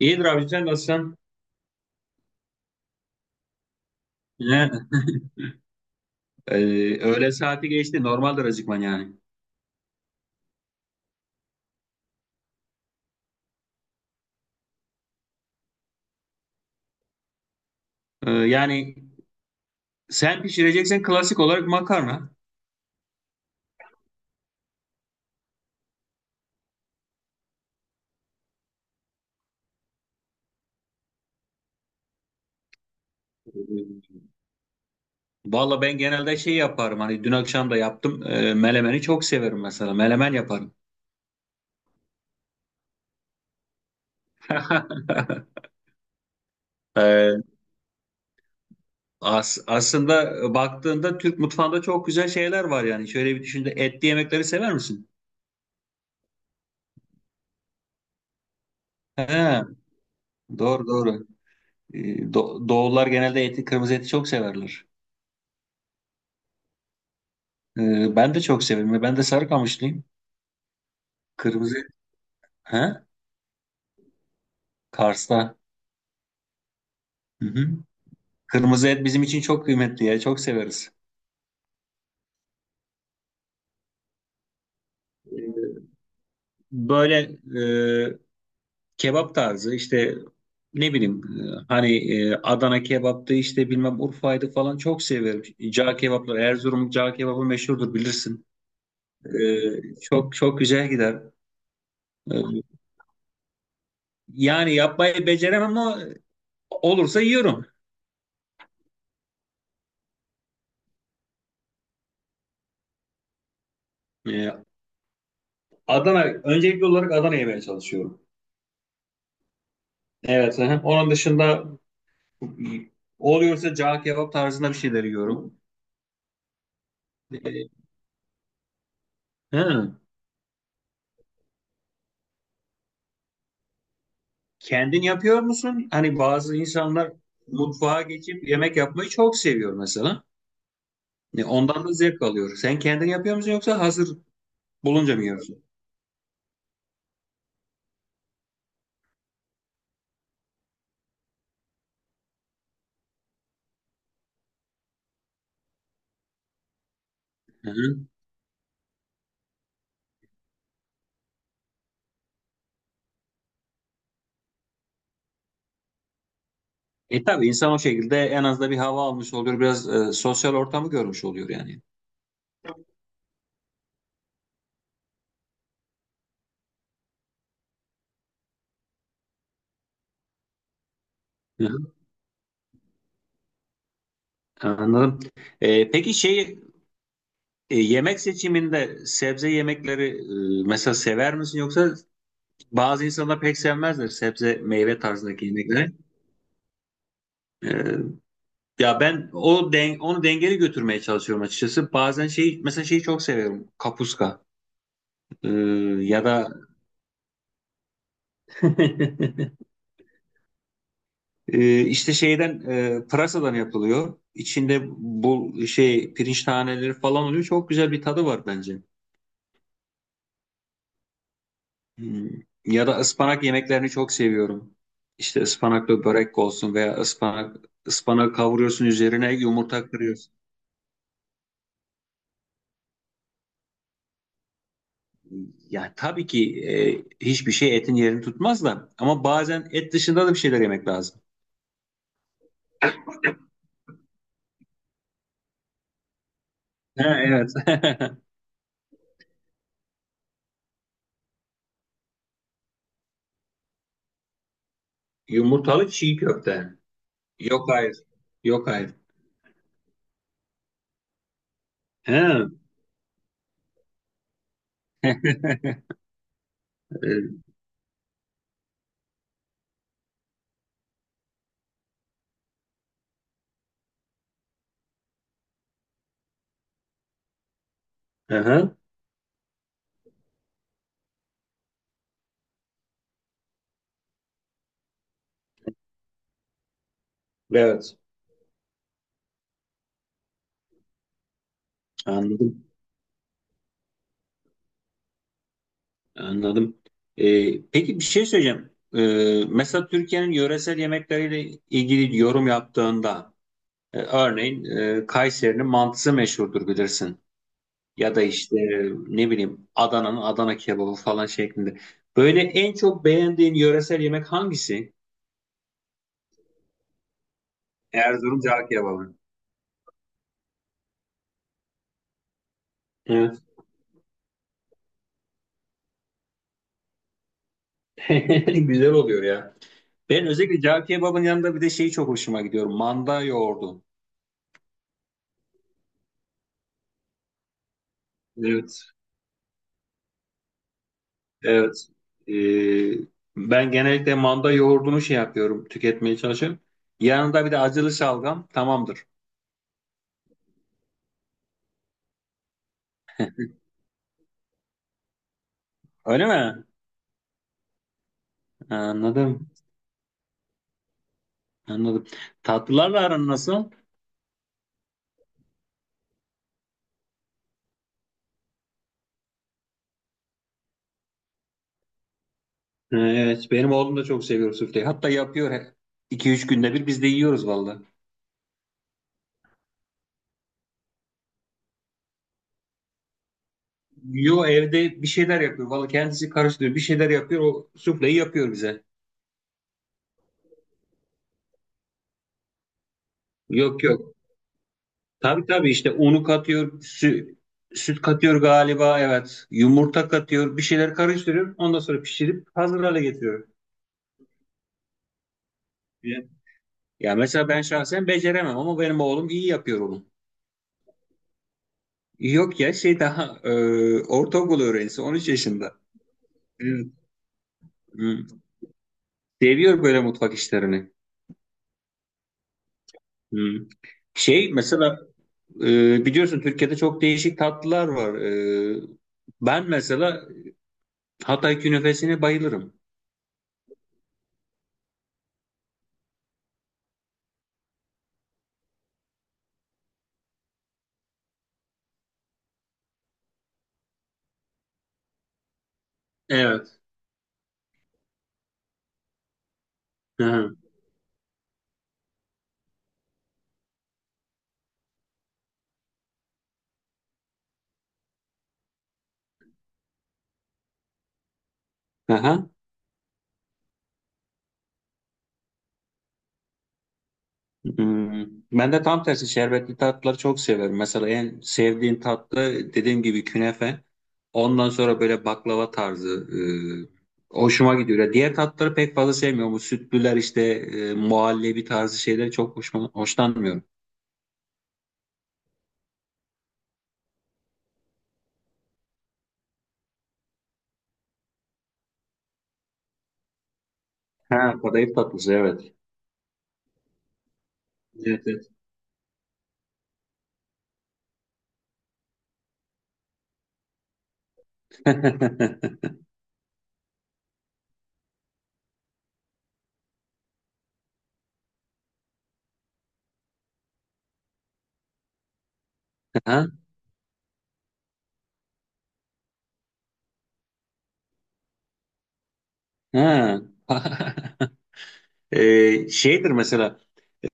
İyidir abi sen nasılsın? Yani, e, öğle saati geçti. Normaldir acıkman yani. Yani sen pişireceksen klasik olarak makarna. E, valla ben genelde şey yaparım. Hani dün akşam da yaptım. Melemeni çok severim mesela. Melemen yaparım. E, aslında baktığında Türk mutfağında çok güzel şeyler var yani. Şöyle bir düşün, etli yemekleri sever misin? He, doğru doğru. E, Doğullar genelde eti, kırmızı eti çok severler. Ben de çok severim. Ben de Sarıkamışlıyım. Kırmızı et. He? Kars'ta. Hı hı. Kırmızı et bizim için çok kıymetli ya. Çok severiz. Ee, Böyle e, kebap tarzı işte ne bileyim hani Adana kebaptı işte bilmem Urfa'ydı falan çok severim. Cağ kebapları, Erzurum cağ kebabı meşhurdur, bilirsin. Çok çok güzel gider. Ee, yani yapmayı beceremem ama olursa yiyorum. Ee, Adana öncelikli olarak Adana yemeye çalışıyorum. Evet. Hı hı. Onun dışında. Çok iyi. Oluyorsa cağ kebap tarzında bir şeyler yiyorum. Ee, hı. Kendin yapıyor musun? Hani bazı insanlar mutfağa geçip yemek yapmayı çok seviyor mesela. Ondan da zevk alıyor. Sen kendin yapıyor musun yoksa hazır bulunca mı yiyorsun? Hı-hı. E tabii insan o şekilde en az da bir hava almış oluyor. Biraz sosyal ortamı görmüş oluyor yani. Hı-hı. Anladım. Peki şey yemek seçiminde sebze yemekleri mesela sever misin, yoksa bazı insanlar pek sevmezler sebze meyve tarzındaki yemekleri. Ee, Ya ben o den onu dengeli götürmeye çalışıyorum açıkçası. Bazen şey mesela şeyi çok seviyorum. Kapuska. Ee, Ya da işte şeyden pırasadan yapılıyor. İçinde bu şey pirinç taneleri falan oluyor. Çok güzel bir tadı var bence. Hmm. Ya da ıspanak yemeklerini çok seviyorum. İşte ıspanaklı börek olsun veya ıspanak ıspanak kavuruyorsun, üzerine yumurta kırıyorsun. Ya tabii ki hiçbir şey etin yerini tutmaz da ama bazen et dışında da bir şeyler yemek lazım. Ha, evet. Yumurtalı çiğ köfte. Yok hayır. Yok hayır. Ha. e, aha. Evet. Anladım. Anladım. Peki bir şey söyleyeceğim. Mesela Türkiye'nin yöresel yemekleriyle ilgili yorum yaptığında örneğin Kayseri'nin mantısı meşhurdur, bilirsin. Ya da işte ne bileyim Adana'nın Adana kebabı falan şeklinde. Böyle en çok beğendiğin yöresel yemek hangisi? Erzurum cağ kebabı. Evet. Güzel oluyor ya. Ben özellikle cağ kebabın yanında bir de şey çok hoşuma gidiyor. Manda yoğurdu. Evet. Evet. Ee, Ben genellikle manda yoğurdunu şey yapıyorum. Tüketmeye çalışıyorum. Yanında bir de acılı şalgam tamamdır. Öyle mi? Anladım. Anladım. Tatlılarla aran nasıl? Evet, benim oğlum da çok seviyor sufleyi. Hatta yapıyor, 2-3 günde bir biz de yiyoruz valla. Yo, evde bir şeyler yapıyor. Valla kendisi karıştırıyor. Bir şeyler yapıyor. O sufleyi yapıyor bize. Yok yok. Tabii tabii, işte unu katıyor. Süt katıyor galiba. Evet. Yumurta katıyor. Bir şeyler karıştırıyor. Ondan sonra pişirip hazır hale getiriyor. Evet. Ya mesela ben şahsen beceremem ama benim oğlum iyi yapıyor onu. Yok ya, şey daha ortaokul öğrencisi, 13 yaşında. Evet. Hı. Seviyor böyle mutfak işlerini. Hmm. Şey mesela biliyorsun Türkiye'de çok değişik tatlılar var. Ben mesela Hatay künefesine bayılırım. Evet. Hı hı. Aha. Hmm. Ben de tam tersi şerbetli tatlıları çok severim. Mesela en sevdiğim tatlı dediğim gibi künefe. Ondan sonra böyle baklava tarzı hoşuma gidiyor. Ya diğer tatlıları pek fazla sevmiyorum. Bu sütlüler işte muhallebi tarzı şeyleri çok hoşlanmıyorum. Ha, kadayıf tatlısı, evet. Evet, evet. Ha? Ha. Şeydir mesela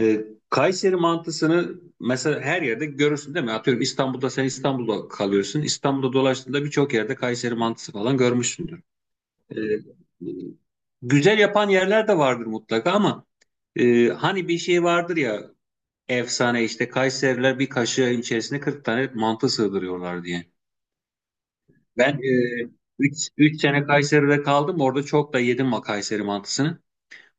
e, Kayseri mantısını mesela her yerde görürsün değil mi? Atıyorum, İstanbul'da sen, İstanbul'da kalıyorsun. İstanbul'da dolaştığında birçok yerde Kayseri mantısı falan görmüşsündür. Ee, güzel yapan yerler de vardır mutlaka ama hani bir şey vardır ya, efsane işte Kayseriler bir kaşığın içerisine 40 tane mantı sığdırıyorlar diye. Ben e, 3 sene Kayseri'de kaldım. Orada çok da yedim o Kayseri mantısını.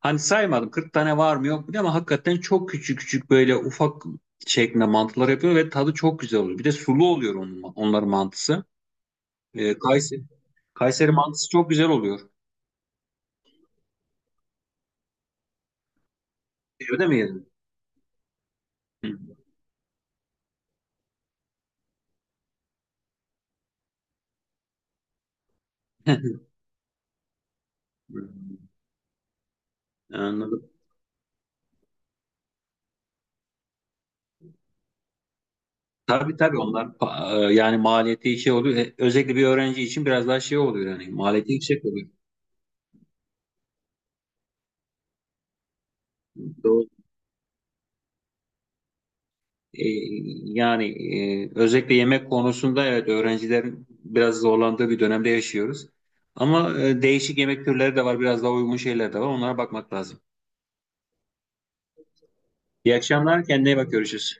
Hani saymadım 40 tane var mı yok mu diye ama hakikaten çok küçük küçük böyle ufak şeklinde mantılar yapıyor ve tadı çok güzel oluyor. Bir de sulu oluyor onların mantısı. Ee, Kayseri, Kayseri mantısı çok güzel oluyor. Öyle mi yedin? Hı. Anladım. Tabii tabii, onlar yani maliyeti şey oluyor. Özellikle bir öğrenci için biraz daha şey oluyor, yani maliyeti yüksek oluyor. Doğru. E, Yani özellikle yemek konusunda evet öğrencilerin biraz zorlandığı bir dönemde yaşıyoruz. Ama değişik yemek türleri de var, biraz daha uygun şeyler de var. Onlara bakmak lazım. İyi akşamlar, kendine iyi bak, görüşürüz.